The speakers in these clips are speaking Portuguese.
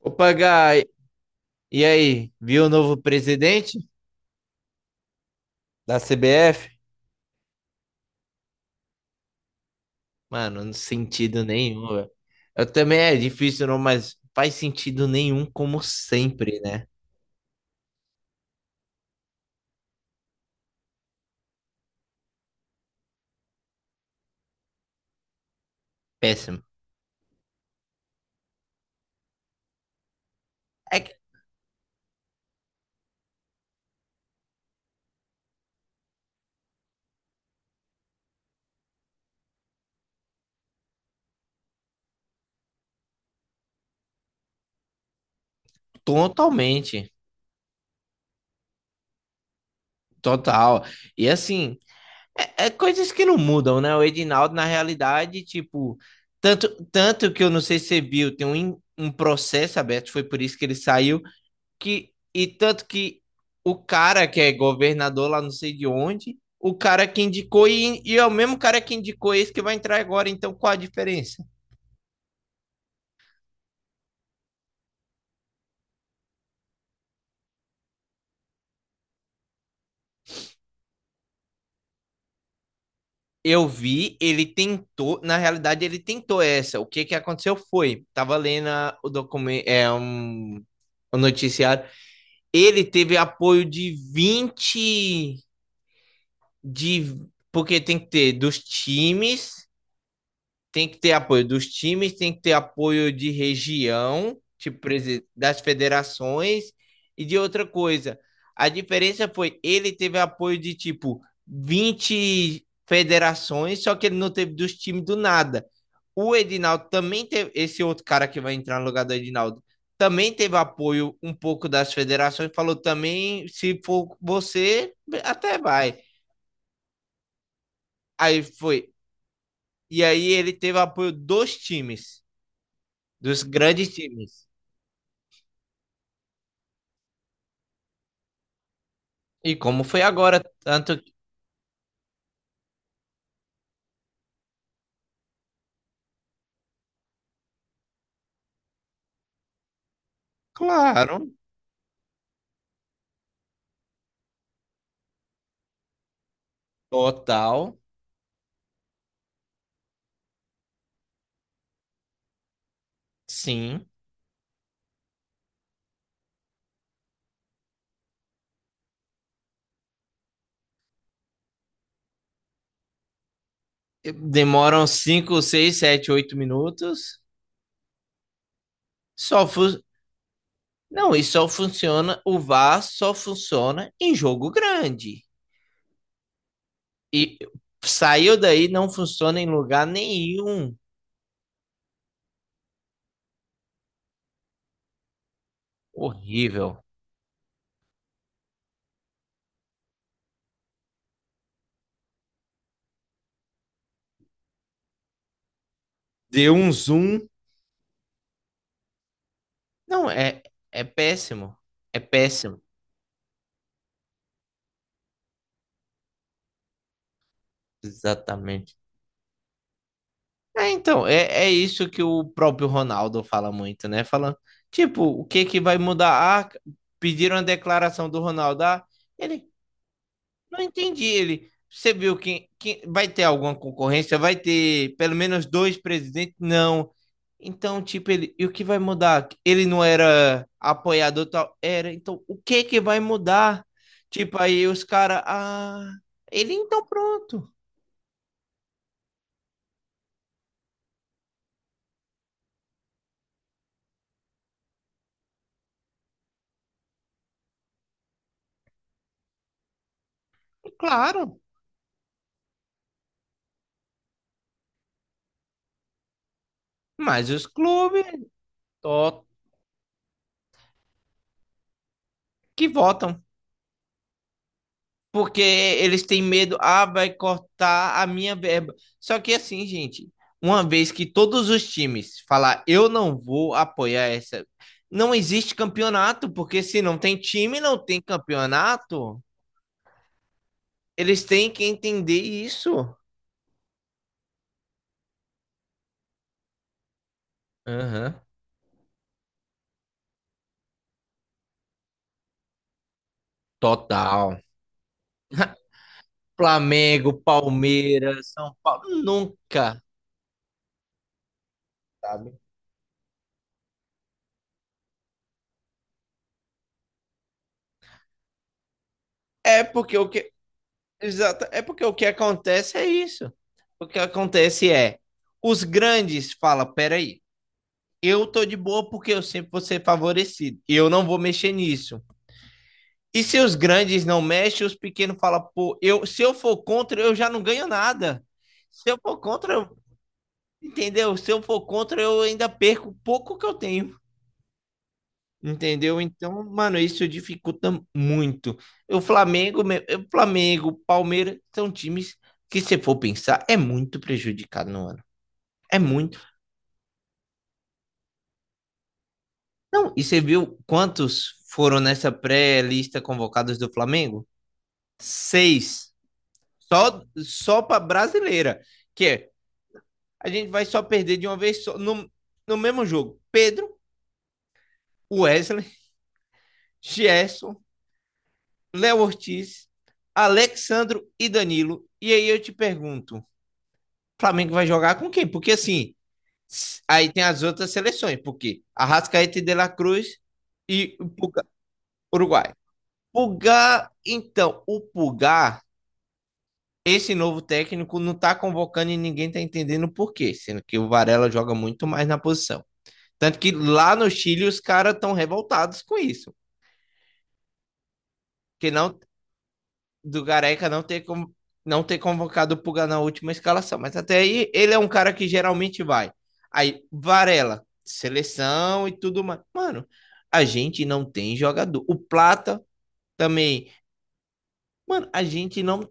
Opa, Gai, e aí? Viu o novo presidente da CBF? Mano, não sentido nenhum, velho. Eu também é difícil, não, mas faz sentido nenhum, como sempre, né? Péssimo. É que- totalmente, total. E assim, é coisas que não mudam, né? O Edinaldo, na realidade, tipo, tanto que eu não sei se você viu, tem um processo aberto, foi por isso que ele saiu que e tanto que o cara que é governador lá não sei de onde, o cara que indicou e é o mesmo cara que indicou esse que vai entrar agora, então qual a diferença? Eu vi, ele tentou, na realidade ele tentou essa. O que que aconteceu foi, tava lendo o documento, é um o noticiário, ele teve apoio de 20 de porque tem que ter dos times, tem que ter apoio dos times, tem que ter apoio de região, tipo das federações e de outra coisa. A diferença foi ele teve apoio de tipo 20 federações, só que ele não teve dos times do nada. O Edinaldo também teve, esse outro cara que vai entrar no lugar do Edinaldo também teve apoio um pouco das federações, falou também, se for você, até vai. Aí foi. E aí ele teve apoio dos times, dos grandes times. E como foi agora, tanto que- claro, total, sim. Demoram 5, 6, 7, 8 minutos. Só fu- Não, e só funciona, o VAR só funciona em jogo grande. E saiu daí, não funciona em lugar nenhum. Horrível. Deu um zoom. Não, é, é péssimo. É péssimo. Exatamente. É, então, é isso que o próprio Ronaldo fala muito, né? Falando, tipo, o que que vai mudar? Ah, pediram a declaração do Ronaldo. Ah, ele, não entendi. Ele, você viu que vai ter alguma concorrência? Vai ter pelo menos dois presidentes? Não. Então, tipo, ele, e o que vai mudar? Ele não era apoiador tal? Era. Então, o que que vai mudar? Tipo, aí os caras, ah, ele então pronto. Claro. Mas os clubes, que votam, porque eles têm medo, ah, vai cortar a minha verba. Só que assim, gente, uma vez que todos os times falar, eu não vou apoiar essa, não existe campeonato, porque se não tem time, não tem campeonato. Eles têm que entender isso. Aham, total. Flamengo, Palmeiras, São Paulo, nunca, sabe? É porque o que Exato. É porque o que acontece é isso. O que acontece é, os grandes falam, peraí, eu tô de boa porque eu sempre vou ser favorecido. E eu não vou mexer nisso. E se os grandes não mexem, os pequenos falam, pô, eu, se eu for contra, eu já não ganho nada. Se eu for contra, eu- entendeu? Se eu for contra, eu ainda perco o pouco que eu tenho. Entendeu? Então, mano, isso dificulta muito. O Flamengo, Palmeiras são times que, se for pensar, é muito prejudicado no ano. É muito. Não, e você viu quantos foram nessa pré-lista convocados do Flamengo? 6. Só, só para brasileira. Que é, a gente vai só perder de uma vez só, no, no mesmo jogo. Pedro, Wesley, Gerson, Léo Ortiz, Alexandro e Danilo. E aí eu te pergunto. Flamengo vai jogar com quem? Porque assim, aí tem as outras seleções, porque Arrascaeta e De La Cruz e o Uruguai. Pulgar, então, o Pulgar, esse novo técnico não tá convocando e ninguém tá entendendo o porquê, sendo que o Varela joga muito mais na posição. Tanto que lá no Chile os caras estão revoltados com isso, que não do Gareca não não ter convocado o Puga na última escalação. Mas até aí, ele é um cara que geralmente vai. Aí, Varela, seleção e tudo mais. Mano, a gente não tem jogador. O Plata também. Mano, a gente não.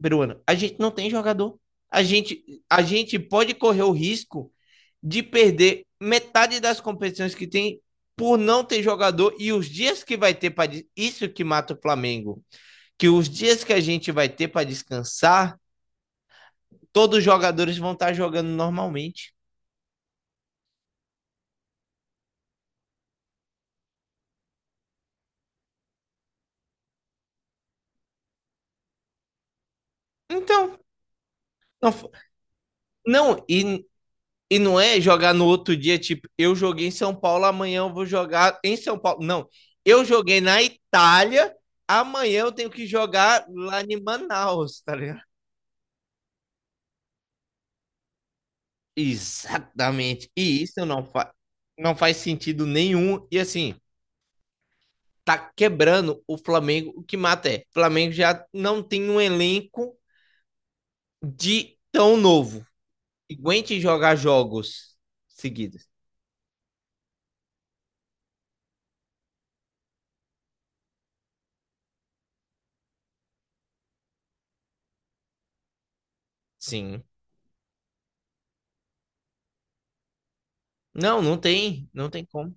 Peruano, a gente não tem jogador. A gente, a gente pode correr o risco de perder metade das competições que tem por não ter jogador e os dias que vai ter para isso que mata o Flamengo, que os dias que a gente vai ter para descansar todos os jogadores vão estar jogando normalmente. Então, não, não e, e não é jogar no outro dia, tipo, eu joguei em São Paulo, amanhã eu vou jogar em São Paulo. Não, eu joguei na Itália, amanhã eu tenho que jogar lá em Manaus, tá ligado? Exatamente. Não faz sentido nenhum. E assim, tá quebrando o Flamengo, o que mata é. O Flamengo já não tem um elenco de tão novo. Aguente jogar jogos seguidos. Sim. Não, não tem, não tem como.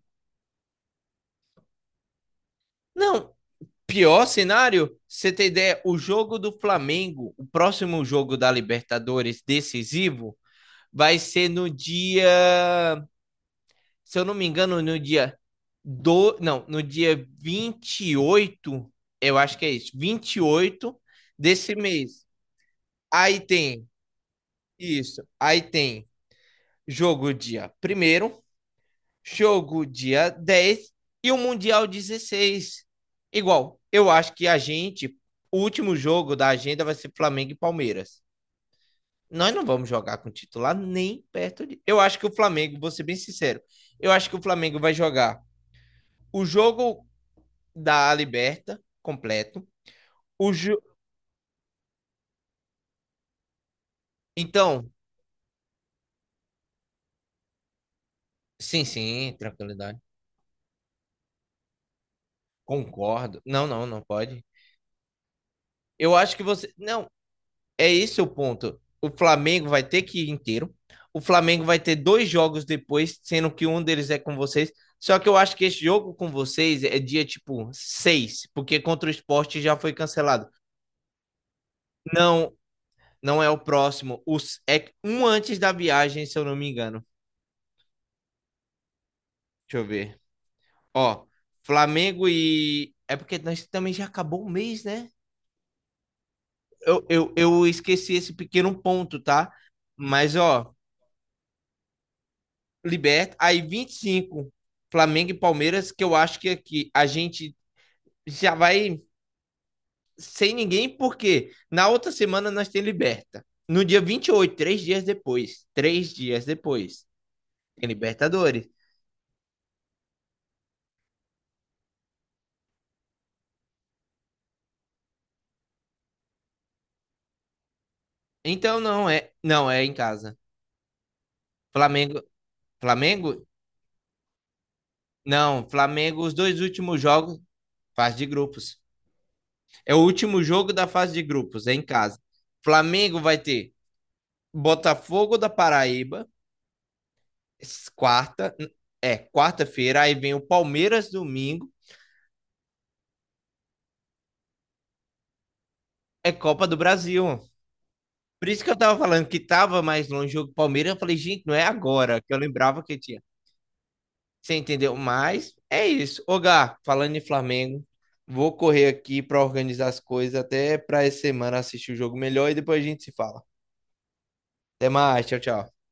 Não, pior cenário, você tem ideia, o jogo do Flamengo, o próximo jogo da Libertadores decisivo, vai ser no dia, se eu não me engano, não, no dia 28. Eu acho que é isso, 28 desse mês. Aí tem isso, aí tem jogo dia primeiro, jogo dia 10 e o Mundial 16. Igual, eu acho que a gente, o último jogo da agenda vai ser Flamengo e Palmeiras. Nós não vamos jogar com titular nem perto de. Eu acho que o Flamengo, vou ser bem sincero, eu acho que o Flamengo vai jogar o jogo da Liberta completo. O jo... Então, sim, sim, tranquilidade. Concordo. Não, não, não pode. Eu acho que você. Não, é esse o ponto. O Flamengo vai ter que ir inteiro. O Flamengo vai ter dois jogos depois, sendo que um deles é com vocês. Só que eu acho que esse jogo com vocês é dia tipo 6, porque contra o esporte já foi cancelado. Não, não é o próximo. Os, é um antes da viagem, se eu não me engano. Deixa eu ver. Ó, Flamengo e. É porque nós também já acabou o mês, né? Eu, eu esqueci esse pequeno ponto, tá? Mas, ó, liberta. Aí 25 Flamengo e Palmeiras, que eu acho que aqui a gente já vai sem ninguém, porque na outra semana nós tem liberta. No dia 28, três dias depois. Três dias depois. Tem Libertadores. Então não é. Não, é em casa. Flamengo. Flamengo? Não, Flamengo, os dois últimos jogos, fase de grupos. É o último jogo da fase de grupos, é em casa. Flamengo vai ter Botafogo da Paraíba, quarta, é, quarta-feira, aí vem o Palmeiras domingo, é Copa do Brasil. Por isso que eu tava falando que tava mais longe o jogo do Palmeiras, eu falei, gente, não é agora, que eu lembrava que tinha. Você entendeu? Mas é isso. Ô, Gá, falando em Flamengo, vou correr aqui para organizar as coisas até para essa semana assistir o jogo melhor e depois a gente se fala. Até mais, tchau, tchau.